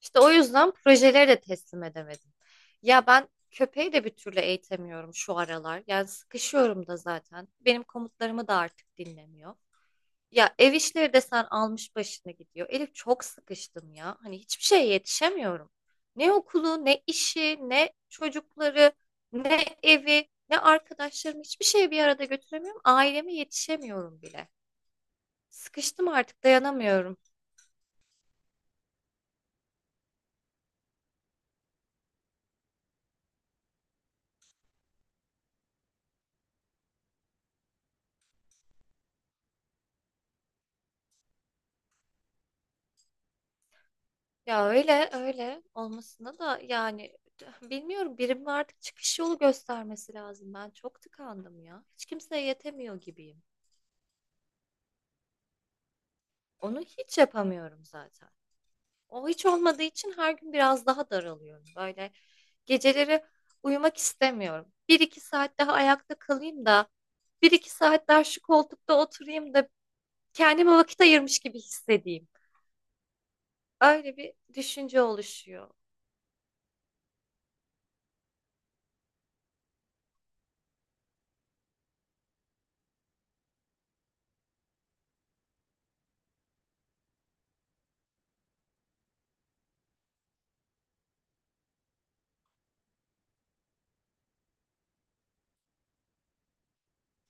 İşte o yüzden projeleri de teslim edemedim. Ya ben köpeği de bir türlü eğitemiyorum şu aralar. Yani sıkışıyorum da zaten. Benim komutlarımı da artık dinlemiyor. Ya ev işleri de sen almış başına gidiyor. Elif çok sıkıştım ya. Hani hiçbir şeye yetişemiyorum. Ne okulu, ne işi, ne çocukları, ne evi, ne arkadaşlarımı hiçbir şeye bir arada götüremiyorum. Aileme yetişemiyorum bile. Sıkıştım artık dayanamıyorum. Ya öyle öyle olmasına da yani bilmiyorum birimin artık çıkış yolu göstermesi lazım. Ben çok tıkandım ya. Hiç kimseye yetemiyor gibiyim. Onu hiç yapamıyorum zaten. O hiç olmadığı için her gün biraz daha daralıyorum. Böyle geceleri uyumak istemiyorum. Bir iki saat daha ayakta kalayım da bir iki saat daha şu koltukta oturayım da kendime vakit ayırmış gibi hissedeyim. Öyle bir düşünce oluşuyor.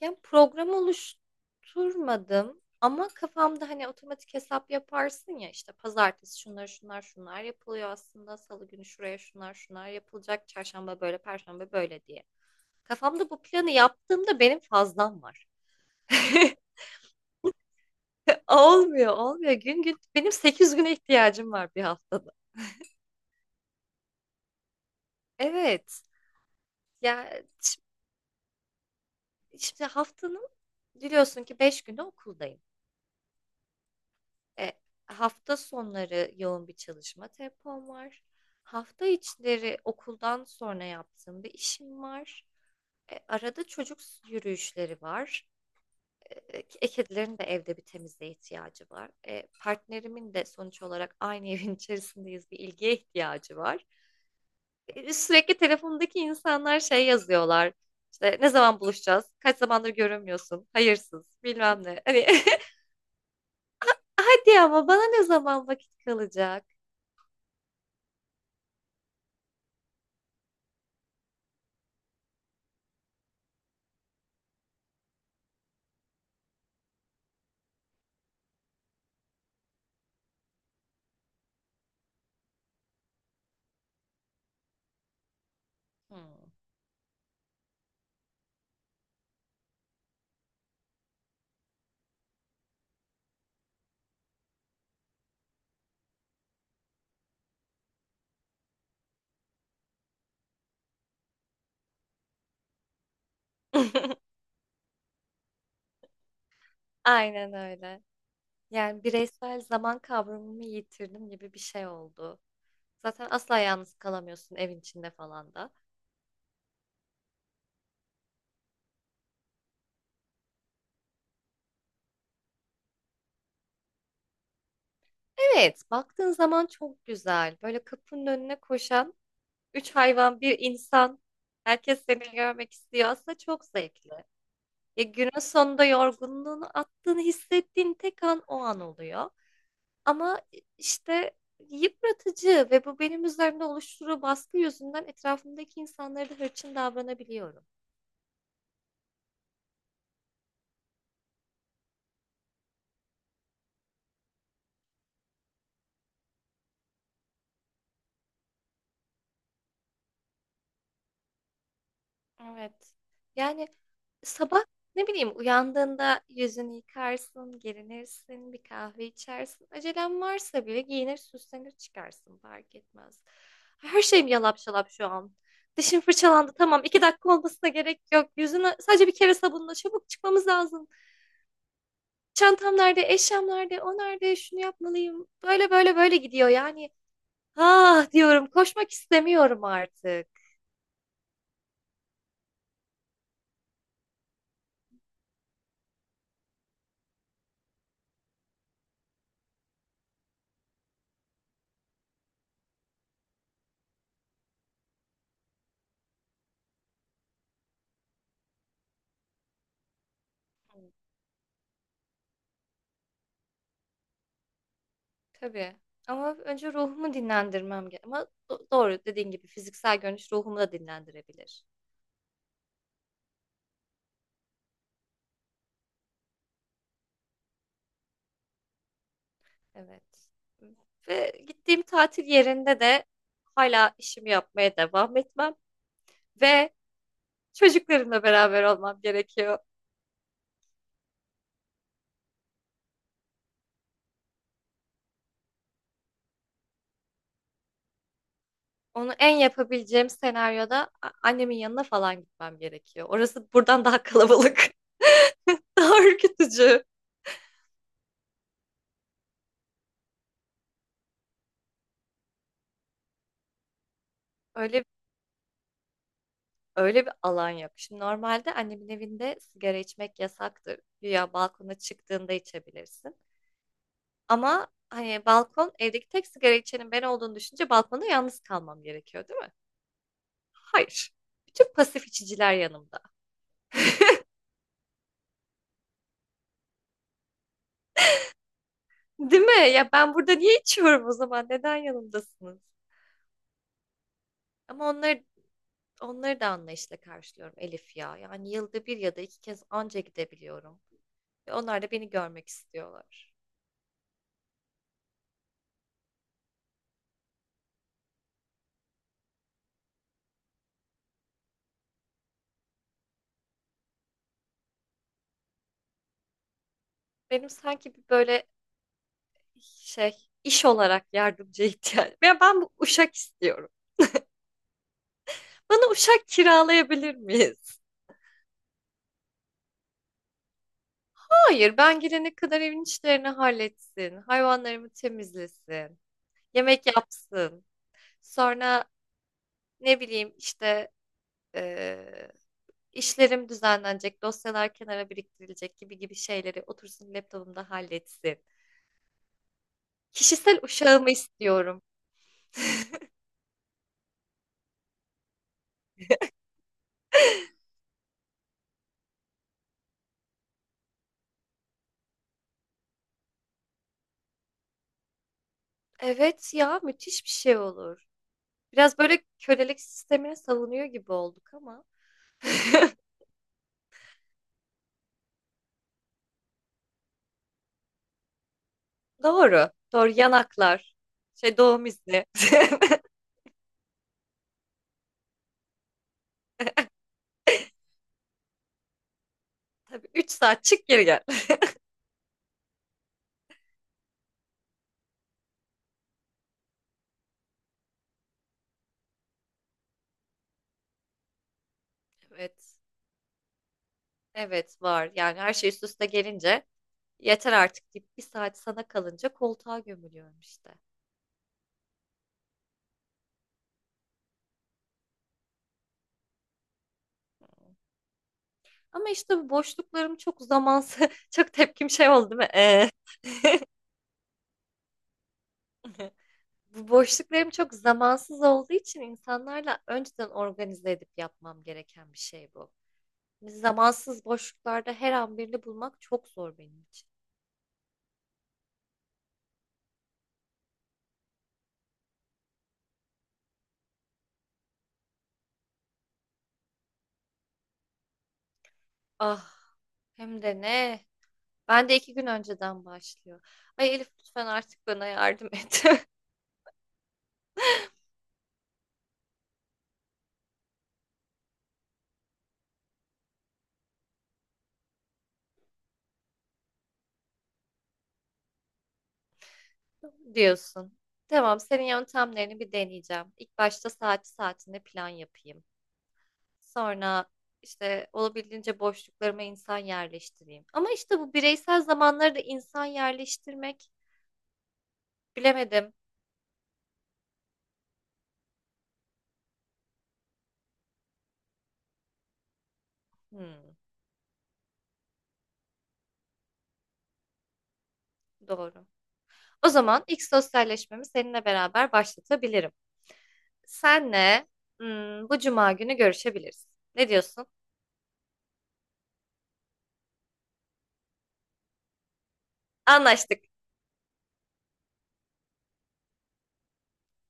Yani program oluşturmadım ama kafamda hani otomatik hesap yaparsın ya işte pazartesi şunlar şunlar şunlar yapılıyor aslında salı günü şuraya şunlar şunlar yapılacak çarşamba böyle perşembe böyle diye. Kafamda bu planı yaptığımda benim fazlam var. Olmuyor, olmuyor. Gün gün benim 8 güne ihtiyacım var bir haftada. Evet. Ya şimdi haftanın biliyorsun ki 5 günü okuldayım. E, hafta sonları yoğun bir çalışma tempom var. Hafta içleri okuldan sonra yaptığım bir işim var. Arada çocuk yürüyüşleri var. Kedilerin de evde bir temizliğe ihtiyacı var. Partnerimin de sonuç olarak aynı evin içerisindeyiz bir ilgiye ihtiyacı var. Sürekli telefondaki insanlar şey yazıyorlar. İşte ne zaman buluşacağız? Kaç zamandır görünmüyorsun? Hayırsız, bilmem ne. Hani hadi ama bana ne zaman vakit kalacak? Hmm. Aynen öyle. Yani bireysel zaman kavramımı yitirdim gibi bir şey oldu. Zaten asla yalnız kalamıyorsun evin içinde falan da. Evet, baktığın zaman çok güzel. Böyle kapının önüne koşan üç hayvan, bir insan. Herkes seni görmek istiyor. Aslında çok zevkli. Ya günün sonunda yorgunluğunu attığını hissettiğin tek an o an oluyor. Ama işte yıpratıcı ve bu benim üzerimde oluşturduğu baskı yüzünden etrafımdaki insanlara da hırçın davranabiliyorum. Evet. Yani sabah ne bileyim uyandığında yüzünü yıkarsın, gerinirsin, bir kahve içersin. Acelen varsa bile giyinir, süslenir çıkarsın fark etmez. Her şeyim yalap şalap şu an. Dişim fırçalandı tamam, 2 dakika olmasına gerek yok. Yüzünü sadece bir kere sabunla, çabuk çıkmamız lazım. Çantam nerede, eşyam nerede, o nerede, şunu yapmalıyım. Böyle böyle böyle gidiyor yani. Ah diyorum, koşmak istemiyorum artık. Tabii. Ama önce ruhumu dinlendirmem gerek. Ama doğru dediğin gibi fiziksel görünüş ruhumu da dinlendirebilir. Evet. Ve gittiğim tatil yerinde de hala işimi yapmaya devam etmem ve çocuklarımla beraber olmam gerekiyor. Onu en yapabileceğim senaryoda annemin yanına falan gitmem gerekiyor. Orası buradan daha kalabalık, daha ürkütücü. Öyle Öyle bir alan yok. Şimdi normalde annemin evinde sigara içmek yasaktır. Güya balkona çıktığında içebilirsin. Ama hani balkon evdeki tek sigara içenin ben olduğunu düşünce balkonda yalnız kalmam gerekiyor, değil mi? Hayır. Bütün pasif içiciler yanımda. Değil mi? Ya ben burada niye içiyorum o zaman? Neden yanımdasınız? Ama onları da anlayışla karşılıyorum Elif ya. Yani yılda bir ya da iki kez anca gidebiliyorum. Ve onlar da beni görmek istiyorlar. Benim sanki bir böyle şey iş olarak yardımcı ihtiyacım. Ya ben bu uşak istiyorum. Bana uşak kiralayabilir miyiz? Hayır, ben girene kadar evin işlerini halletsin, hayvanlarımı temizlesin, yemek yapsın. Sonra ne bileyim işte eee, işlerim düzenlenecek, dosyalar kenara biriktirilecek gibi gibi şeyleri otursun laptopumda halletsin. Kişisel uşağımı istiyorum. Evet ya, müthiş bir şey olur. Biraz böyle kölelik sistemine savunuyor gibi olduk ama. Doğru. Doğru. Yanaklar. Şey, doğum izni. Tabii, 3 saat çık geri gel. Evet. Evet var. Yani her şey üst üste gelince yeter artık deyip bir saat sana kalınca koltuğa gömülüyorum işte. Ama işte bu boşluklarım çok zamansız. Çok tepkim şey oldu değil mi? Bu boşluklarım çok zamansız olduğu için insanlarla önceden organize edip yapmam gereken bir şey bu. Hani zamansız boşluklarda her an birini bulmak çok zor benim için. Ah, hem de ne? Ben de 2 gün önceden başlıyor. Ay Elif lütfen artık bana yardım et diyorsun. Tamam, senin yöntemlerini bir deneyeceğim. İlk başta saati saatinde plan yapayım. Sonra işte olabildiğince boşluklarıma insan yerleştireyim. Ama işte bu bireysel zamanları da insan yerleştirmek bilemedim. Hmm, doğru. O zaman ilk sosyalleşmemi seninle beraber başlatabilirim. Senle bu cuma günü görüşebiliriz. Ne diyorsun? Anlaştık.